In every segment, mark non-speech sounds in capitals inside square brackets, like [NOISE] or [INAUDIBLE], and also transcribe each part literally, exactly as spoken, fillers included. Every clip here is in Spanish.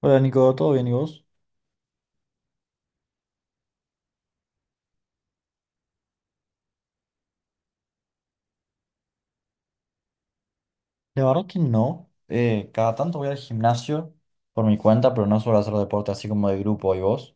Hola Nico, ¿todo bien y vos? La verdad que no. Eh, cada tanto voy al gimnasio por mi cuenta, pero no suelo hacer deporte así como de grupo y vos.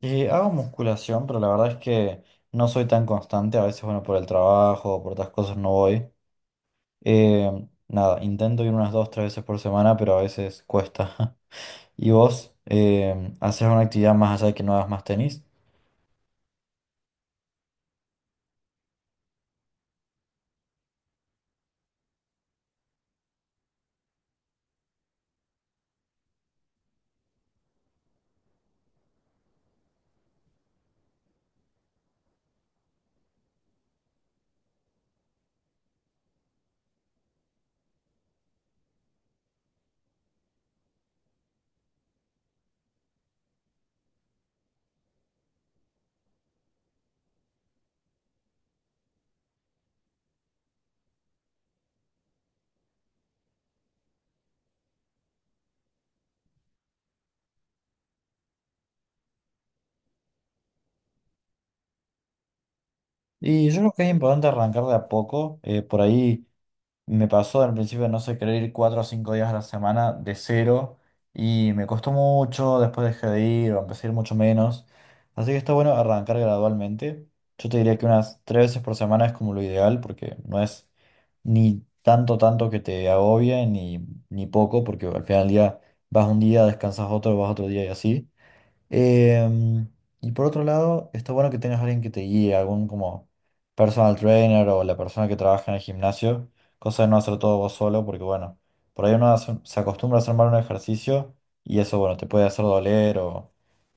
Eh, hago musculación, pero la verdad es que no soy tan constante. A veces, bueno, por el trabajo o por otras cosas no voy. Eh, nada, intento ir unas dos, tres veces por semana, pero a veces cuesta. [LAUGHS] ¿Y vos? Eh, ¿haces una actividad más allá de que no hagas más tenis? Y yo creo que es importante arrancar de a poco. Eh, por ahí, me pasó al principio, no sé, querer ir cuatro o cinco días a la semana de cero y me costó mucho, después dejé de ir o empecé a ir mucho menos. Así que está bueno arrancar gradualmente. Yo te diría que unas tres veces por semana es como lo ideal porque no es ni tanto, tanto que te agobie ni, ni poco porque al final del día vas un día, descansas otro, vas otro día y así. Em, y por otro lado, está bueno que tengas alguien que te guíe, algún como personal trainer o la persona que trabaja en el gimnasio, cosa de no hacer todo vos solo, porque bueno, por ahí uno hace- se acostumbra a hacer mal un ejercicio y eso, bueno, te puede hacer doler o,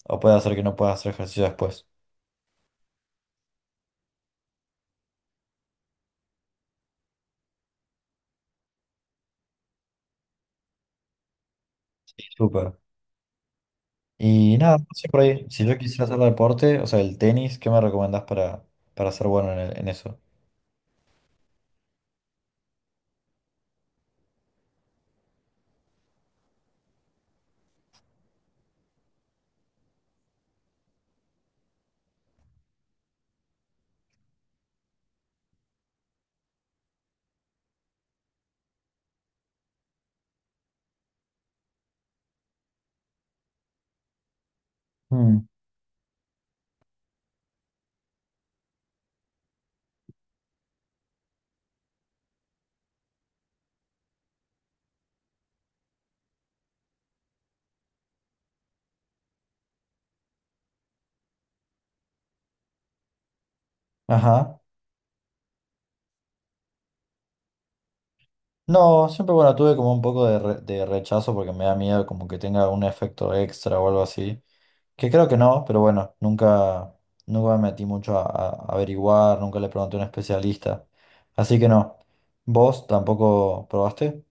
o puede hacer que no puedas hacer ejercicio después. Súper. Y nada, no sé por ahí, si yo quisiera hacer deporte, o sea, el tenis, ¿qué me recomendás para, para ser bueno en, el- en eso? Mm. Ajá. No, siempre bueno, tuve como un poco de, re- de rechazo porque me da miedo como que tenga un efecto extra o algo así. Que creo que no, pero bueno, nunca, nunca me metí mucho a, a averiguar, nunca le pregunté a un especialista. Así que no. ¿Vos tampoco probaste?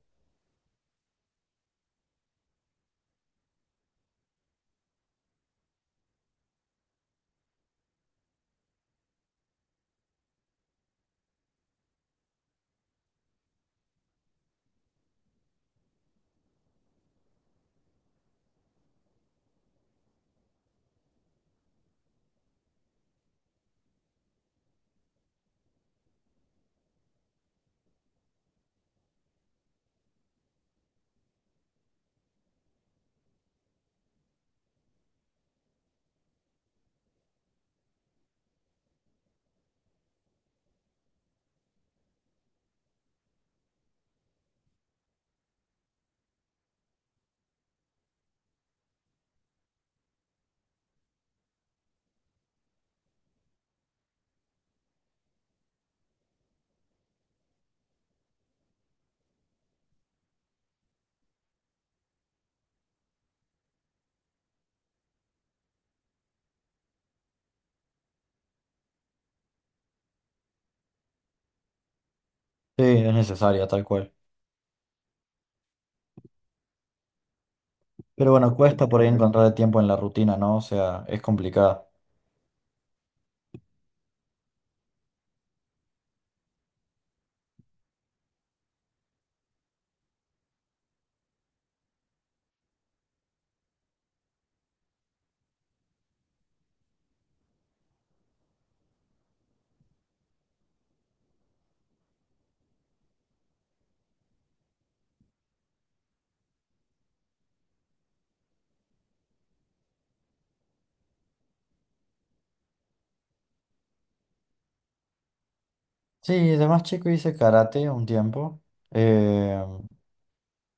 Sí, es necesaria, tal cual. Pero bueno, cuesta por ahí encontrar el tiempo en la rutina, ¿no? O sea, es complicada. Sí, de más chico hice karate un tiempo, eh,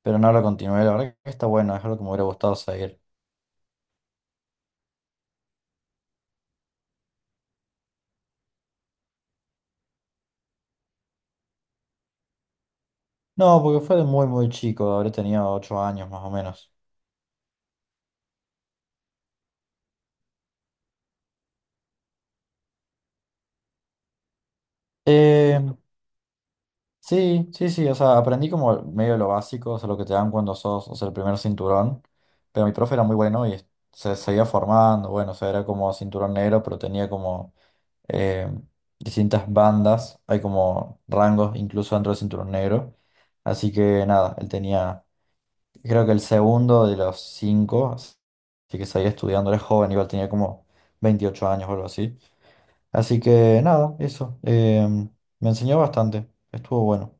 pero no lo continué. La verdad que está bueno, es algo que me hubiera gustado seguir. No, porque fue de muy, muy chico, habré tenido ocho años más o menos. Eh, sí, sí, sí, o sea, aprendí como medio lo básico, o sea, lo que te dan cuando sos, o sea, el primer cinturón, pero mi profe era muy bueno y se seguía formando, bueno, o sea, era como cinturón negro, pero tenía como eh, distintas bandas, hay como rangos incluso dentro del cinturón negro, así que nada, él tenía, creo que el segundo de los cinco, así que seguía estudiando, era joven, igual tenía como veintiocho años o algo así. Así que nada, eso. Eh, me enseñó bastante. Estuvo bueno.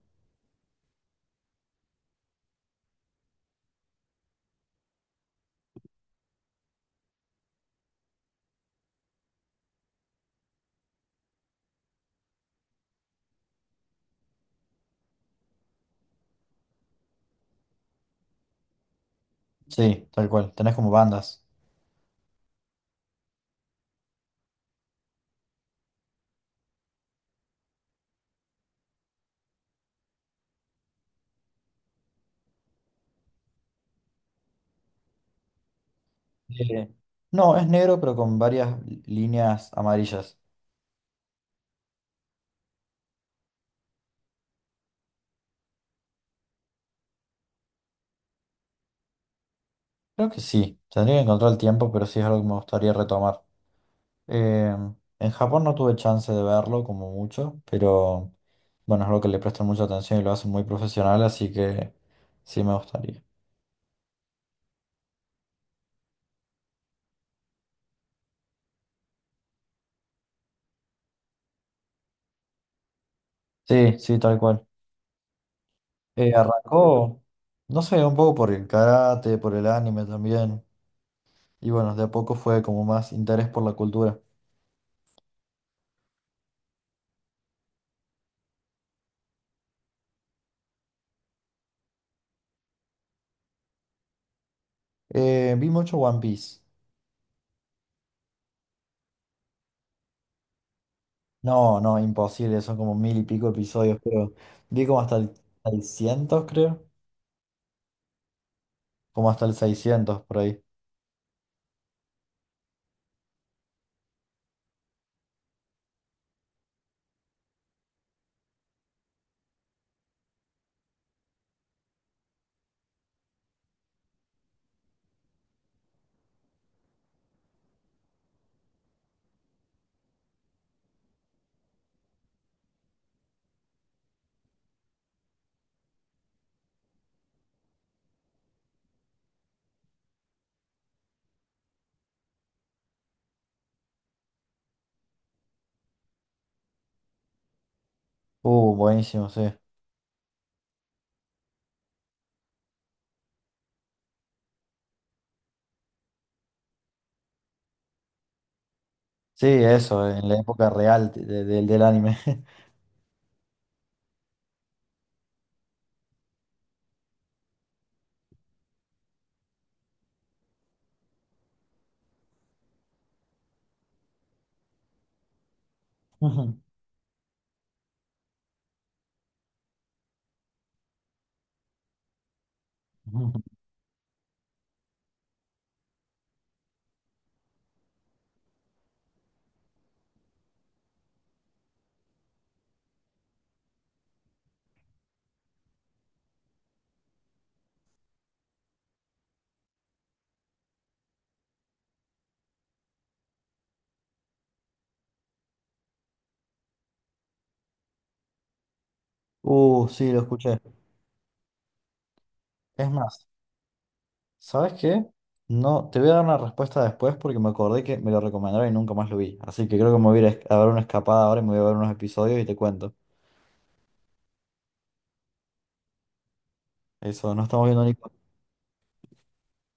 Sí, tal cual. Tenés como bandas. Eh, no, es negro, pero con varias líneas amarillas. Creo que sí. Tendría que encontrar el tiempo, pero sí es algo que me gustaría retomar. Eh, en Japón no tuve chance de verlo como mucho, pero bueno, es algo que le prestan mucha atención y lo hacen muy profesional, así que sí me gustaría. Sí, sí, tal cual. Eh, arrancó, no sé, un poco por el karate, por el anime también. Y bueno, de a poco fue como más interés por la cultura. Eh, vi mucho One Piece. No, no, imposible, son como mil y pico episodios, pero vi como hasta el seiscientos, creo. Como hasta el seiscientos por ahí. Uh, buenísimo, sí. Sí, eso, en la época real de- de- del anime. [LAUGHS] Ujú, ujú. Uh, sí, lo escuché. Es más, ¿sabes qué? No, te voy a dar una respuesta después porque me acordé que me lo recomendaron y nunca más lo vi. Así que creo que me voy a ir a es- a dar una escapada ahora y me voy a ver unos episodios y te cuento. Eso, no estamos viendo, ni